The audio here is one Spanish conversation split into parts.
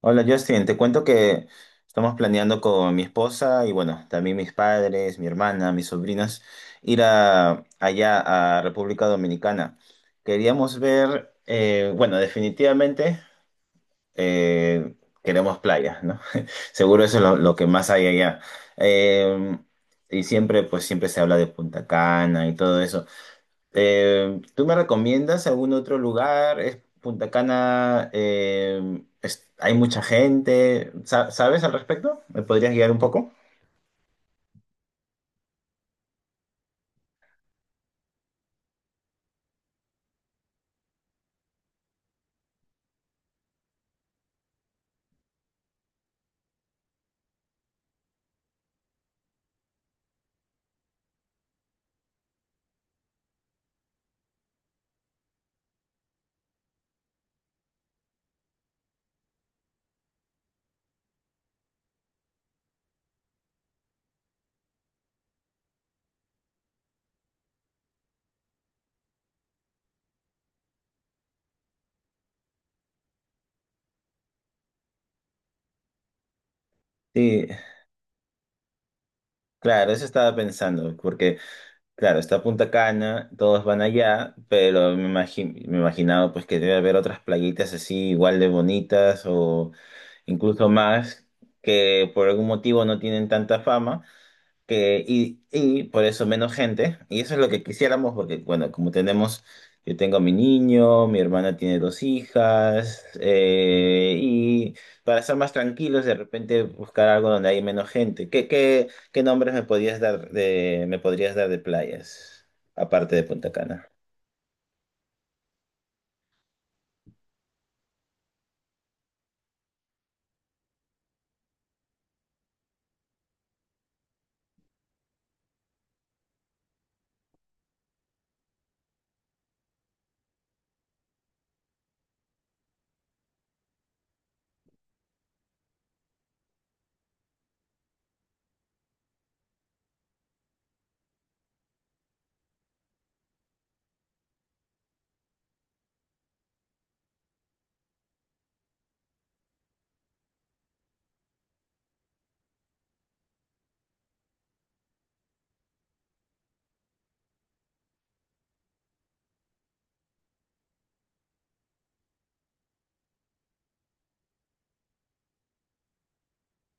Hola Justin, te cuento que estamos planeando con mi esposa y bueno, también mis padres, mi hermana, mis sobrinas, ir a, allá a República Dominicana. Queríamos ver, bueno, definitivamente eh, queremos playa, ¿no? Seguro eso es lo que más hay allá. Eh, y siempre, pues siempre se habla de Punta Cana y todo eso. ¿Tú me recomiendas algún otro lugar? ¿Es Punta Cana? ¿Hay mucha gente? ¿Sabes al respecto? ¿Me podrías guiar un poco? Sí, claro, eso estaba pensando, porque claro, está Punta Cana, todos van allá, pero me imaginaba pues que debe haber otras playitas así igual de bonitas o incluso más que por algún motivo no tienen tanta fama. Y por eso menos gente. Y eso es lo que quisiéramos, porque, bueno, como tenemos, yo tengo a mi niño, mi hermana tiene dos hijas, y para estar más tranquilos, de repente buscar algo donde hay menos gente. ¿Qué nombres me podrías dar de playas, aparte de Punta Cana?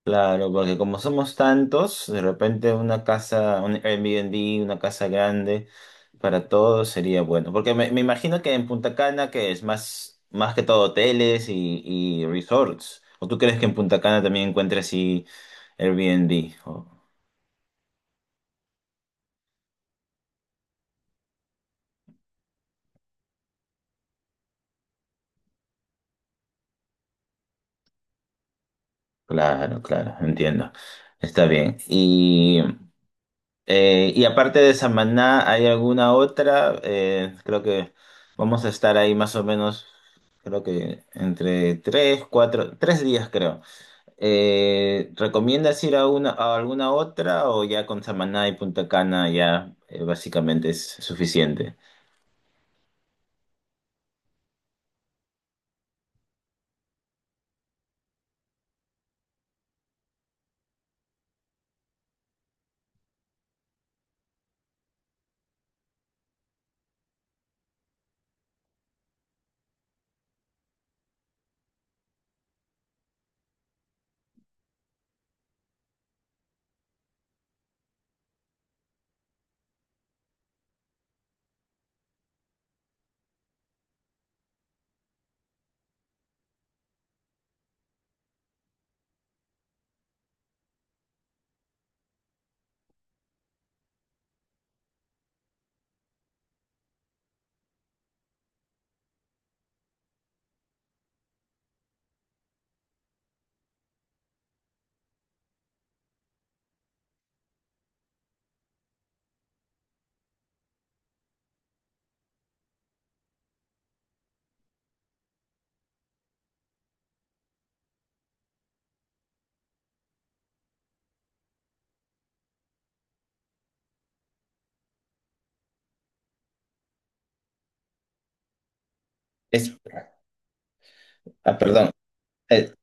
Claro, porque como somos tantos, de repente una casa, un Airbnb, una casa grande para todos sería bueno. Porque me imagino que en Punta Cana, que es más que todo hoteles y resorts, ¿o tú crees que en Punta Cana también encuentres así Airbnb? Oh, claro, claro, entiendo. Está bien. Y aparte de Samaná, ¿hay alguna otra? Creo que vamos a estar ahí más o menos, creo que entre tres días creo. ¿Recomiendas ir a una, a alguna otra o ya con Samaná y Punta Cana ya básicamente es suficiente? Es, ah, perdón, eh,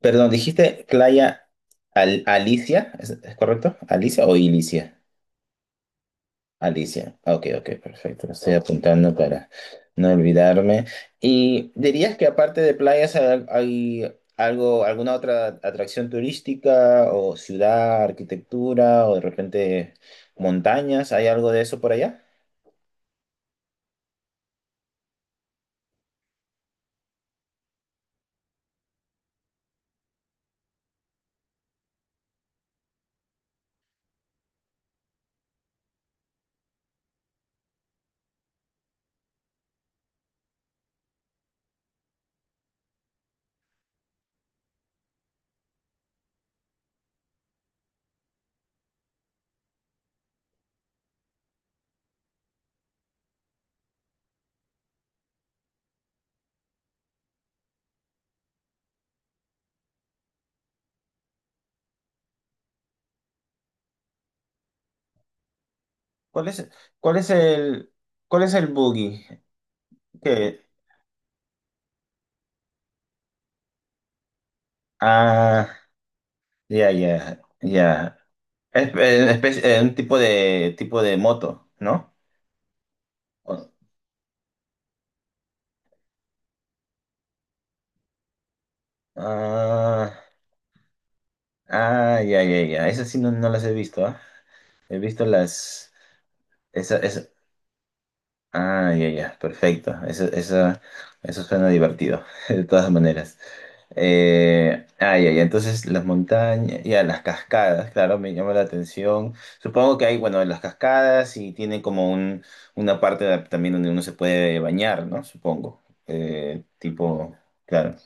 perdón, dijiste Playa Alicia, es correcto? ¿Alicia o Ilicia? Alicia. Ah, ok, ok, perfecto. Lo estoy apuntando para no olvidarme. ¿Y dirías que aparte de playas hay algo, alguna otra atracción turística o ciudad, arquitectura o de repente montañas? ¿Hay algo de eso por allá? ¿Cuál es, cuál es el, cuál es el buggy? ¿Qué? Ah, ya. Un tipo de moto, ¿no? O- Ah. Ah, ya. Esas sí no, no las he visto, ¿ah? He visto las... Esa, esa... Ah, ya. Perfecto. Eso suena divertido, de todas maneras. Ya. Entonces, las montañas, ya, las cascadas, claro, me llama la atención. Supongo que hay, bueno, las cascadas y tiene como un, una parte también donde uno se puede bañar, ¿no? Supongo. Tipo, claro.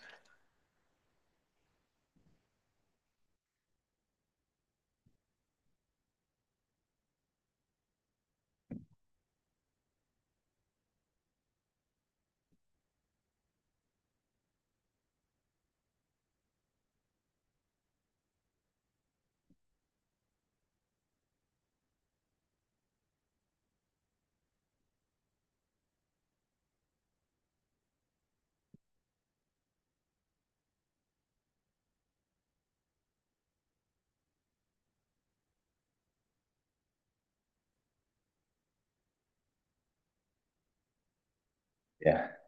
Ya.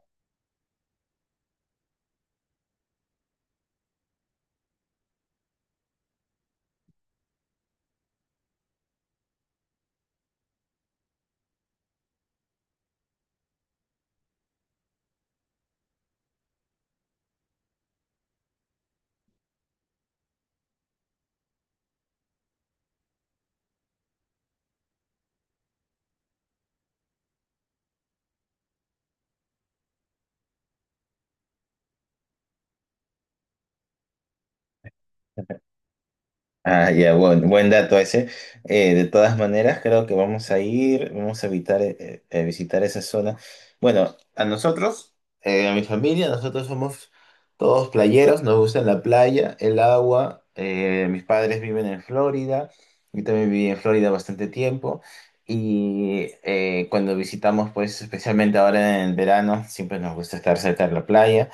Ah, ya, buen, buen dato ese. De todas maneras, creo que vamos a ir, vamos a evitar visitar esa zona. Bueno, a nosotros, a mi familia, nosotros somos todos playeros, nos gusta la playa, el agua. Mis padres viven en Florida, yo también viví en Florida bastante tiempo. Y cuando visitamos, pues especialmente ahora en el verano, siempre nos gusta estar cerca de la playa.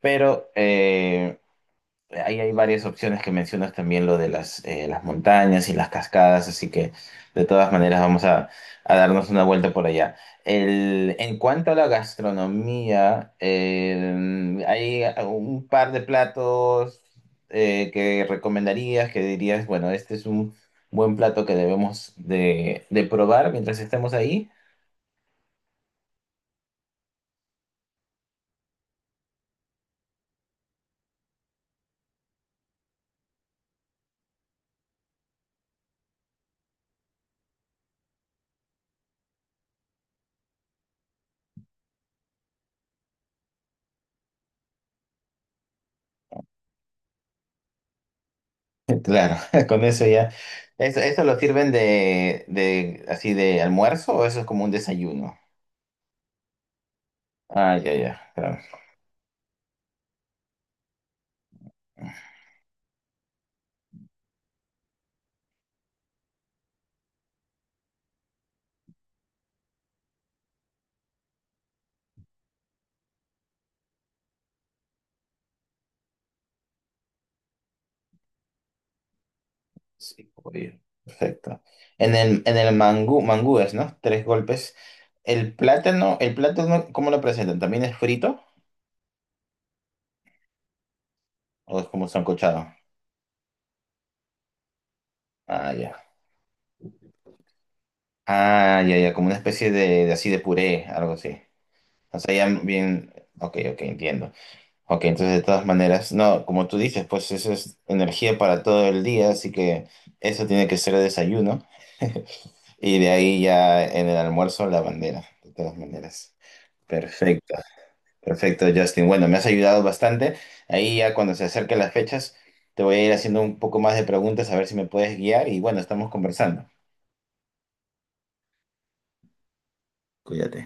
Pero ahí hay varias opciones que mencionas también, lo de las montañas y las cascadas, así que de todas maneras vamos a darnos una vuelta por allá. En cuanto a la gastronomía, hay un par de platos que recomendarías, que dirías, bueno, este es un buen plato que debemos de probar mientras estemos ahí. Claro, con eso ya. Eso lo sirven de así de almuerzo o eso es como un desayuno? Ah, ya, ya, claro. Sí, pollo. Perfecto. En en el mangú, mangúes, ¿no? Tres golpes. El plátano, ¿cómo lo presentan? ¿También es frito o es como sancochado? Ah, ya. Ah, ya, ya, como una especie de así de puré, algo así. O sea, ya bien, ok, ok, entiendo. Ok, entonces de todas maneras, no, como tú dices, pues eso es energía para todo el día, así que eso tiene que ser el desayuno. Y de ahí ya en el almuerzo la bandera, de todas maneras. Perfecto, perfecto, Justin. Bueno, me has ayudado bastante. Ahí ya cuando se acerquen las fechas, te voy a ir haciendo un poco más de preguntas a ver si me puedes guiar y bueno, estamos conversando. Cuídate.